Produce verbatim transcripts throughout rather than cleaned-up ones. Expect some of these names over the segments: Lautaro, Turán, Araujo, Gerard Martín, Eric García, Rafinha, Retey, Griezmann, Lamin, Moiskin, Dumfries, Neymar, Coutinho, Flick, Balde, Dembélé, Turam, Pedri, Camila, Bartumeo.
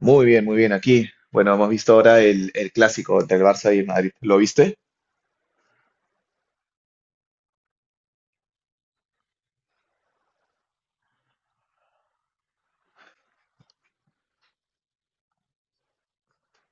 Muy bien, muy bien aquí. Bueno, hemos visto ahora el, el clásico entre el Barça y el Madrid. ¿Lo viste?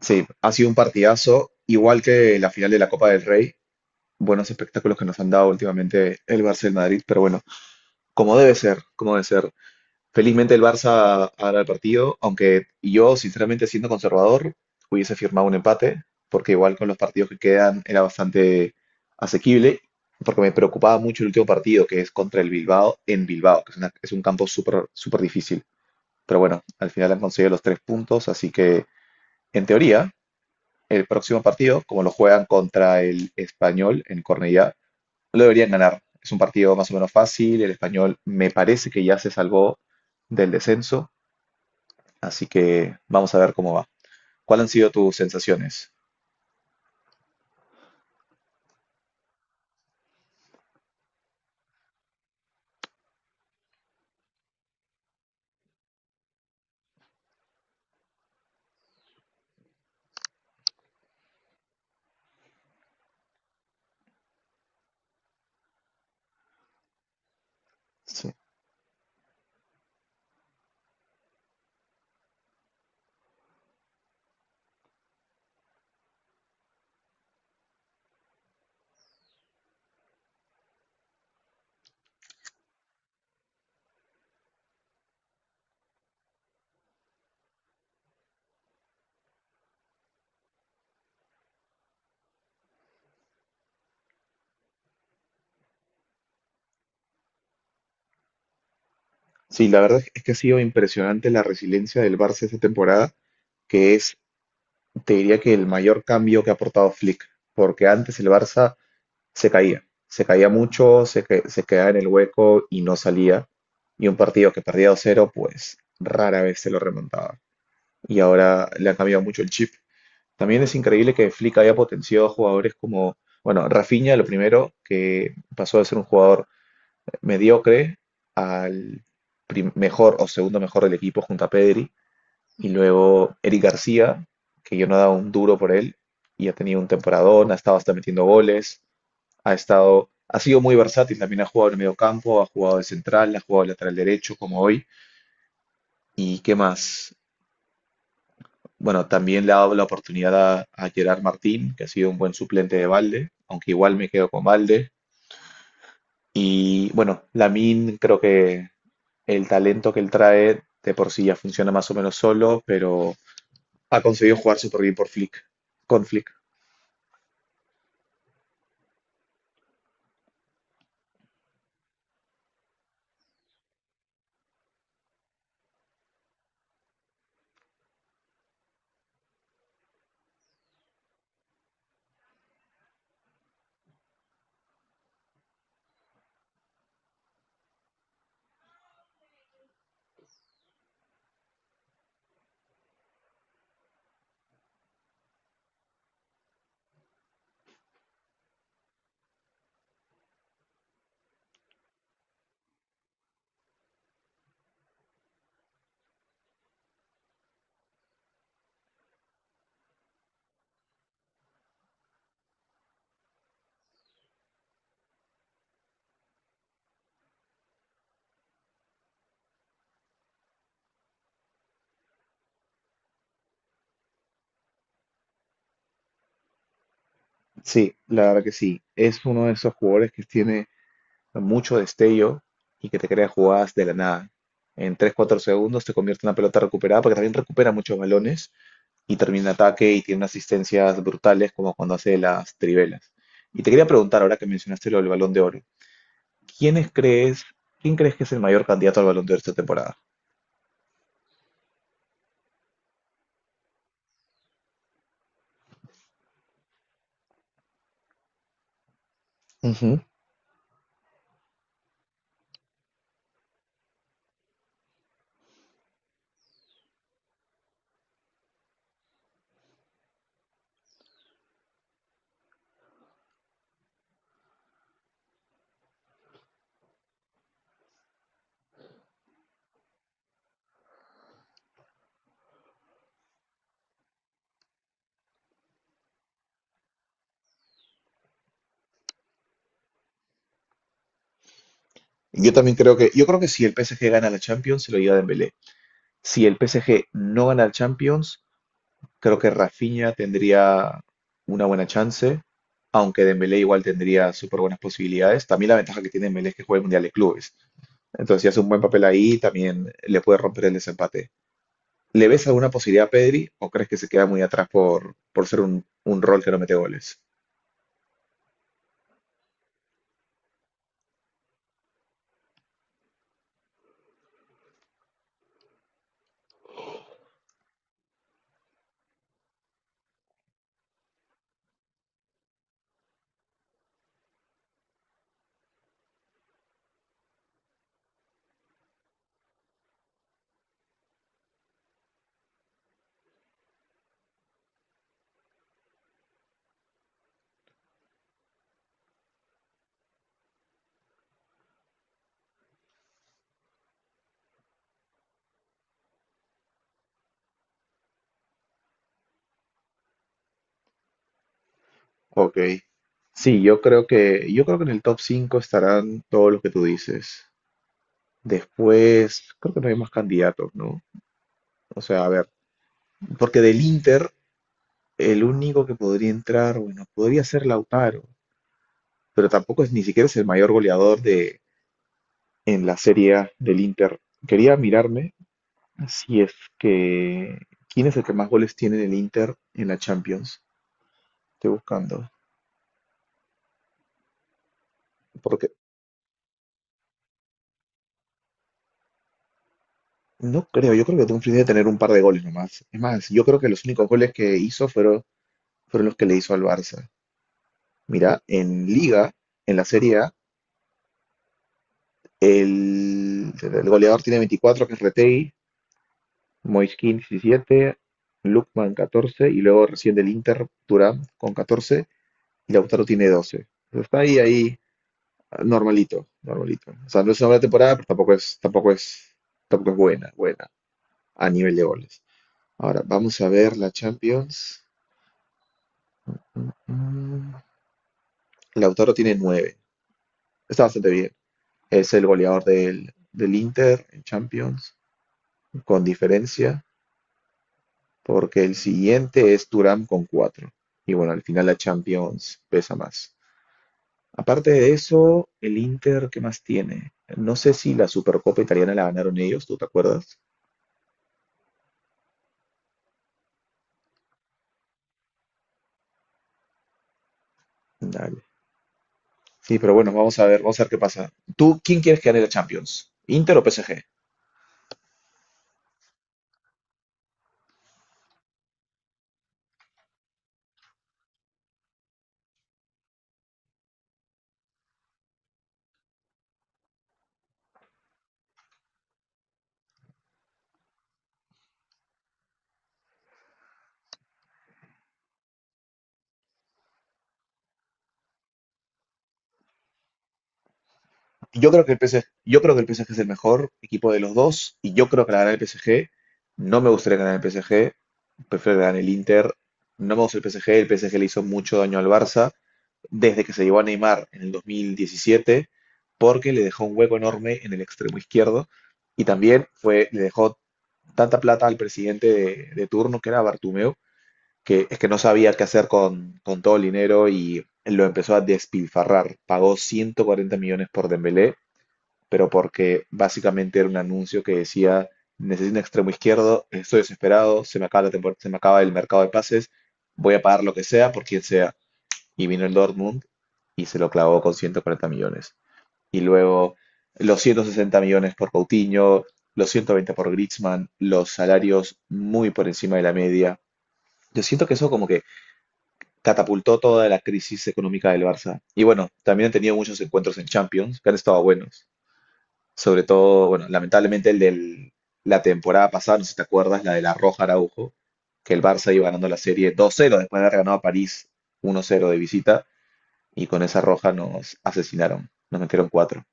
Sí, ha sido un partidazo, igual que la final de la Copa del Rey. Buenos espectáculos que nos han dado últimamente el Barça y el Madrid, pero bueno, como debe ser, como debe ser. Felizmente el Barça ha ganado el partido, aunque yo, sinceramente, siendo conservador, hubiese firmado un empate, porque igual con los partidos que quedan era bastante asequible, porque me preocupaba mucho el último partido, que es contra el Bilbao en Bilbao, que es, una- es un campo súper súper difícil. Pero bueno, al final han conseguido los tres puntos, así que en teoría, el próximo partido, como lo juegan contra el Español en Cornellá, lo deberían ganar. Es un partido más o menos fácil, el Español me parece que ya se salvó del descenso, así que vamos a ver cómo va. ¿Cuáles han sido tus sensaciones? Sí. Sí, la verdad es que ha sido impresionante la resiliencia del Barça esta temporada, que es, te diría que el mayor cambio que ha aportado Flick, porque antes el Barça se caía, se caía mucho, se, que- se quedaba en el hueco y no salía. Y un partido que perdía dos cero pues rara vez se lo remontaba. Y ahora le han cambiado mucho el chip. También es increíble que Flick haya potenciado a jugadores como, bueno, Rafinha, lo primero, que pasó de ser un jugador mediocre al prim- mejor o segundo mejor del equipo junto a Pedri. Y luego Eric García, que yo no he dado un duro por él y ha tenido un temporadón, ha estado hasta metiendo goles. Ha estado, ha sido muy versátil, también ha jugado en el mediocampo, ha jugado de central, ha jugado de lateral derecho como hoy. ¿Y qué más? Bueno, también le ha dado la oportunidad a, a Gerard Martín, que ha sido un buen suplente de Balde, aunque igual me quedo con Balde. Y bueno, Lamin creo que el talento que él trae de por sí ya funciona más o menos solo, pero ha conseguido jugar súper bien por Flick, con Flick. Sí, la verdad que sí. Es uno de esos jugadores que tiene mucho destello y que te crea jugadas de la nada. En tres cuatro segundos te convierte en una pelota recuperada porque también recupera muchos balones y termina ataque y tiene unas asistencias brutales como cuando hace las trivelas. Y te quería preguntar, ahora que mencionaste lo del Balón de Oro, ¿quiénes crees, quién crees que es el mayor candidato al Balón de Oro esta temporada? Ujú. Yo también creo que, yo creo que si el P S G gana la Champions, se lo lleva Dembélé. Si el P S G no gana el Champions, creo que Rafinha tendría una buena chance, aunque Dembélé igual tendría súper buenas posibilidades. También la ventaja que tiene Dembélé es que juega el Mundial de Clubes. Entonces, si hace un buen papel ahí, también le puede romper el desempate. ¿Le ves alguna posibilidad a Pedri o crees que se queda muy atrás por, por ser un, un rol que no mete goles? Ok. Sí, yo creo que, yo creo que en el top cinco estarán todos los que tú dices. Después, creo que no hay más candidatos, ¿no? O sea, a ver, porque del Inter, el único que podría entrar, bueno, podría ser Lautaro, pero tampoco es ni siquiera es el mayor goleador de en la Serie A del Inter. Quería mirarme si es que quién es el que más goles tiene en el Inter en la Champions. Estoy buscando, porque no creo, yo creo que Dumfries debe tener un par de goles nomás. Es más, yo creo que los únicos goles que hizo fueron, fueron los que le hizo al Barça. Mira, en Liga, en la Serie A, el, el goleador tiene veinticuatro que es Retey, Moiskin diecisiete, van catorce y luego recién del Inter Turán con catorce y Lautaro tiene doce. Está ahí, ahí, normalito, normalito. O sea, no es una buena temporada, pero tampoco es, tampoco es, tampoco es buena, buena a nivel de goles. Ahora, vamos a ver la Champions. Mm, Lautaro tiene nueve. Está bastante bien. Es el goleador del, del Inter en Champions, con diferencia, porque el siguiente es Turam con cuatro. Y bueno, al final la Champions pesa más. Aparte de eso, el Inter, ¿qué más tiene? No sé si la Supercopa italiana la ganaron ellos, ¿tú te acuerdas? Dale. Sí, pero bueno, vamos a ver, vamos a ver qué pasa. ¿Tú quién quieres que gane la Champions? ¿Inter o P S G? Yo creo que el P S G, yo creo que el P S G es el mejor equipo de los dos y yo creo que la gana el P S G. No me gustaría ganar el P S G, prefiero ganar el Inter. No me gusta el P S G, el P S G le hizo mucho daño al Barça desde que se llevó a Neymar en el dos mil diecisiete, porque le dejó un hueco enorme en el extremo izquierdo y también fue, le dejó tanta plata al presidente de, de turno, que era Bartumeo, que es que no sabía qué hacer con, con todo el dinero y lo empezó a despilfarrar. Pagó ciento cuarenta millones por Dembélé, pero porque básicamente era un anuncio que decía, necesito un extremo izquierdo, estoy desesperado, se me acaba la tempor- se me acaba el mercado de pases, voy a pagar lo que sea por quien sea y vino el Dortmund y se lo clavó con ciento cuarenta millones. Y luego los ciento sesenta millones por Coutinho, los ciento veinte por Griezmann, los salarios muy por encima de la media. Yo siento que eso como que catapultó toda la crisis económica del Barça. Y bueno, también han tenido muchos encuentros en Champions, que han estado buenos. Sobre todo, bueno, lamentablemente el de la temporada pasada, no sé si te acuerdas, la de la roja Araujo, que el Barça iba ganando la serie dos cero después de haber ganado a París uno cero de visita y con esa roja nos asesinaron, nos metieron cuatro.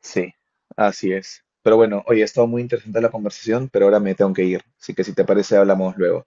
Sí, así es. Pero bueno, oye, ha estado muy interesante la conversación, pero ahora me tengo que ir. Así que si te parece, hablamos luego.